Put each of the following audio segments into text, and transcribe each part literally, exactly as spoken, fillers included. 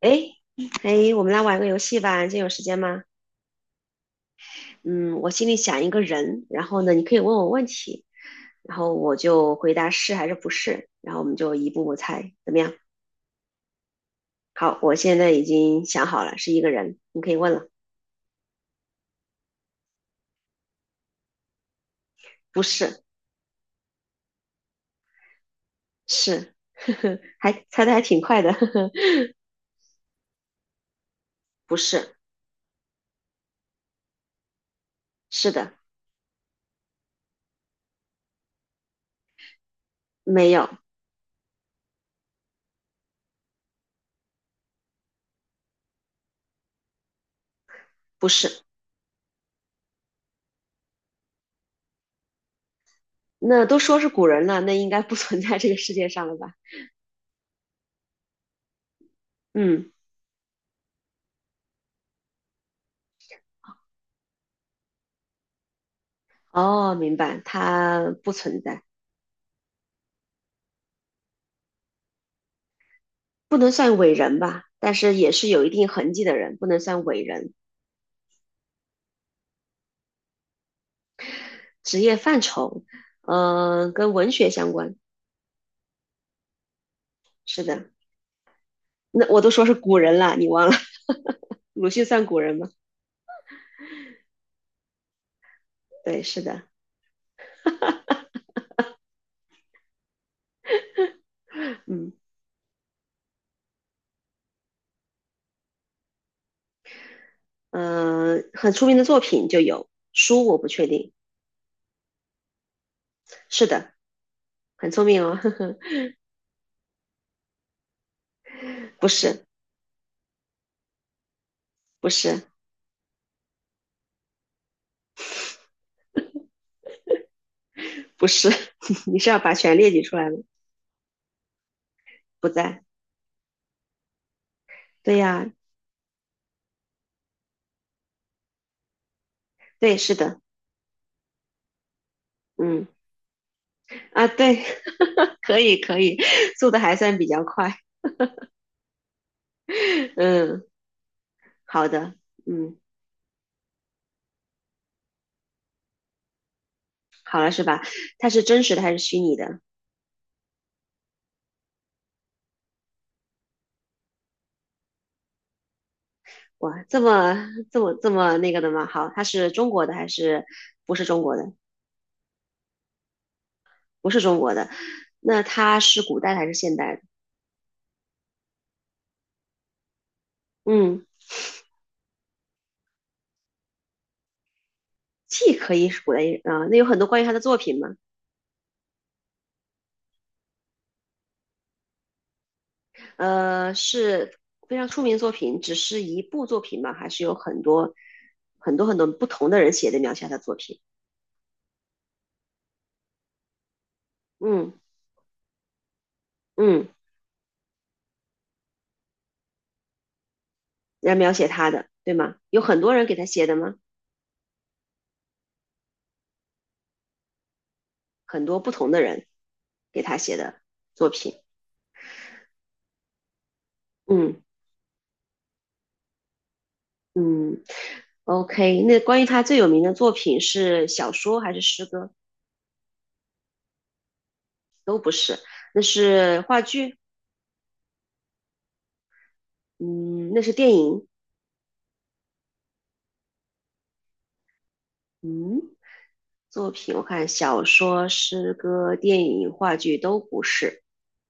诶诶，我们来玩个游戏吧，你今天有时间吗？嗯，我心里想一个人，然后呢，你可以问我问题，然后我就回答是还是不是，然后我们就一步步猜，怎么样？好，我现在已经想好了，是一个人，你可以问了。不是，是，呵呵，还猜的还挺快的，呵呵，不是，是的，没有，不是。那都说是古人了，那应该不存在这个世界上了吧？嗯，哦，明白，他不存在。不能算伟人吧，但是也是有一定痕迹的人，不能算伟人。职业范畴，嗯、呃跟文学相关，是的。那我都说是古人了，你忘了？鲁迅算古人吗？对，是的，嗯嗯、呃很出名的作品就有书，我不确定。是的，很聪明哦，呵呵，不是，不是，不是，你是要把全列举出来吗？不在。对呀，对，是的，嗯啊，对，可以可以，速度还算比较快，嗯。好的，嗯，好了是吧？它是真实的还是虚拟的？哇，这么这么这么那个的吗？好，它是中国的还是不是中国的？不是中国的，那它是古代的还是现代的？嗯，既可以是古代啊、呃那有很多关于他的作品吗？呃，是非常出名作品，只是一部作品吗？还是有很多很多很多不同的人写的描写他的作品？嗯嗯，来描写他的，对吗？有很多人给他写的吗？很多不同的人给他写的作品。嗯嗯，OK。那关于他最有名的作品是小说还是诗歌？都不是，那是话剧，嗯，那是电影，嗯，作品我看小说、诗歌、电影、话剧都不是，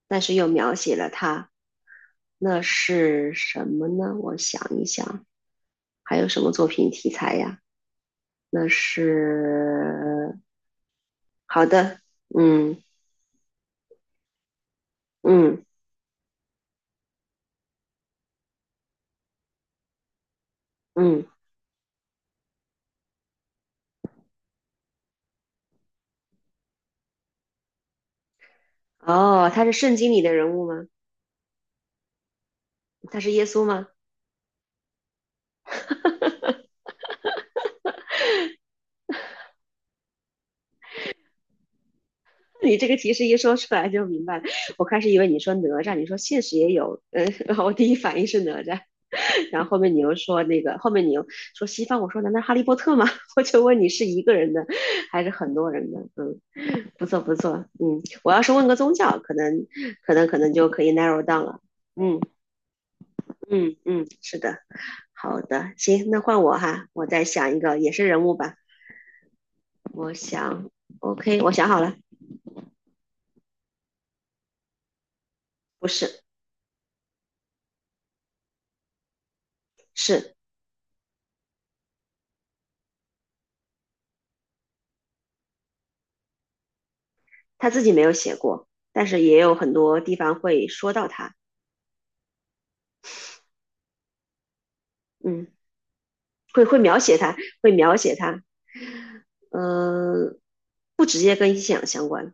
但是又描写了他，那是什么呢？我想一想，还有什么作品题材呀？那是呃好的，嗯嗯。嗯，哦，他是圣经里的人物吗？他是耶稣吗？你这个提示一说出来就明白了。我开始以为你说哪吒，你说现实也有，嗯，我第一反应是哪吒，然后后面你又说那个，后面你又说西方，我说难道哈利波特吗？我就问你是一个人的还是很多人的？嗯，不错不错，嗯，我要是问个宗教，可能可能可能就可以 narrow down 了。嗯嗯嗯，是的，好的，行，那换我哈，我再想一个也是人物吧。我想，OK，我想好了，不是，是他自己没有写过，但是也有很多地方会说到他，嗯，会会描写他，会描写他，嗯、不直接跟信仰相关，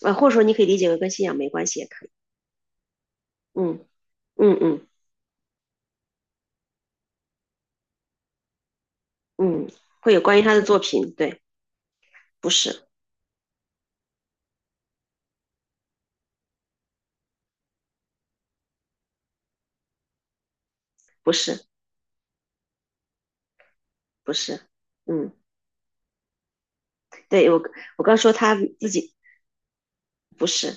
呃，或者说你可以理解为跟信仰没关系也可以，嗯嗯嗯嗯，会有关于他的作品，对，不是，不是，不是，嗯，对我我刚说他自己不是，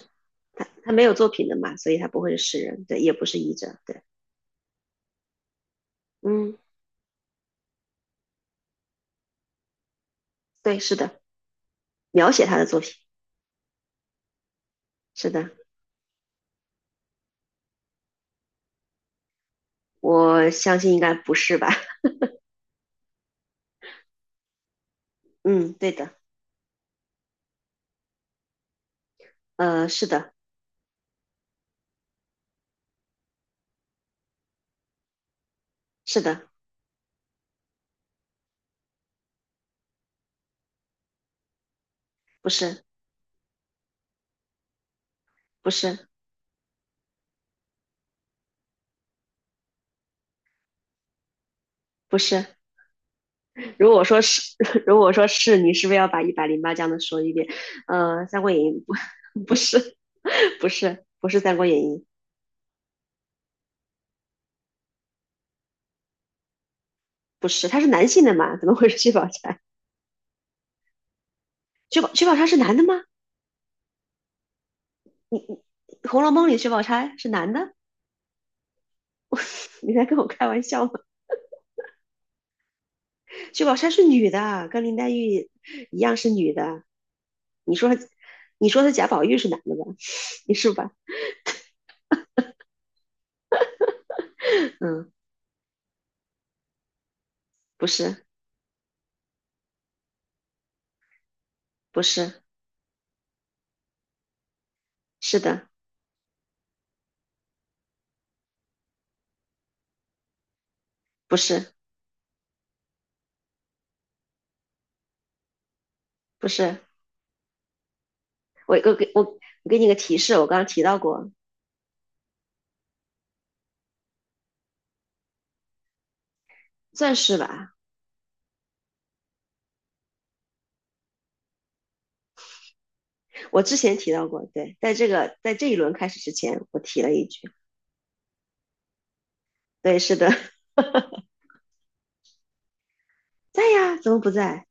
他他没有作品的嘛，所以他不会是诗人，对，也不是译者，对，嗯，对，是的。描写他的作品。是的，我相信应该不是吧？嗯，对的，呃，是的，是的，不是，不是，不是。如果说是，如果说是，你是不是要把一百零八将的说一遍？呃，《三国演义》不，不是，不是，不是《三国演义》，不是，他是男性的嘛？怎么会是薛宝钗？薛宝薛宝钗是男的吗？《红楼梦》里薛宝钗是男的？你在跟我开玩笑吗？薛宝钗是女的，跟林黛玉一样是女的。你说，你说的贾宝玉是男的吧？你是吧？嗯，不是，不是，是的，不是，不是。我我给我我给你个提示，我刚刚提到过，算是吧。我之前提到过，对，在这个在这一轮开始之前，我提了一句，对，是的，在呀，怎么不在？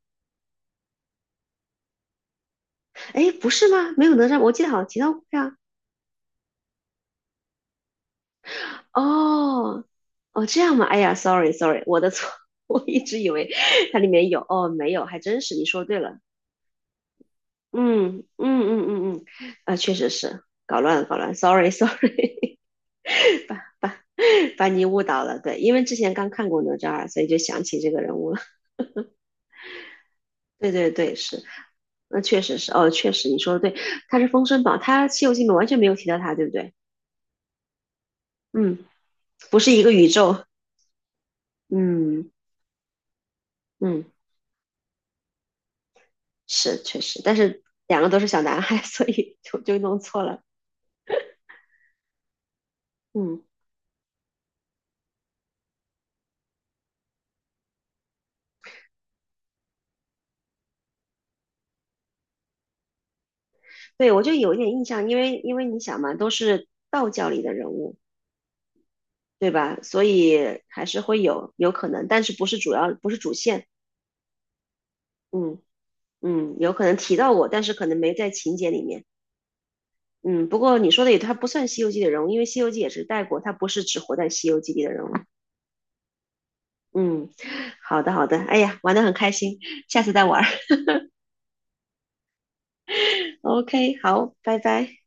哎，不是吗？没有哪吒，我记得好像提到过呀。哦，哦，这样吗？哎呀，sorry，sorry，我的错，我一直以为它里面有，哦，没有，还真是，你说对了。嗯嗯嗯嗯嗯，啊，确实是搞乱了，搞乱 s o r r y sorry，把你误导了。对，因为之前刚看过哪吒二，所以就想起这个人物了。对对对，是，那确实是，哦，确实你说的对，他是封神榜，他《西游记》里面完全没有提到他，对不对？嗯，不是一个宇宙。嗯嗯，是确实，但是两个都是小男孩，所以就就弄错了。嗯，对，我就有一点印象，因为因为你想嘛，都是道教里的人物，对吧？所以还是会有有可能，但是不是主要，不是主线。嗯嗯，有可能提到我，但是可能没在情节里面。嗯，不过你说的也，他不算《西游记》的人物，因为《西游记》也是带过，他不是只活在《西游记》里的人物。嗯，好的好的，哎呀，玩得很开心，下次再玩儿。OK，好，拜拜。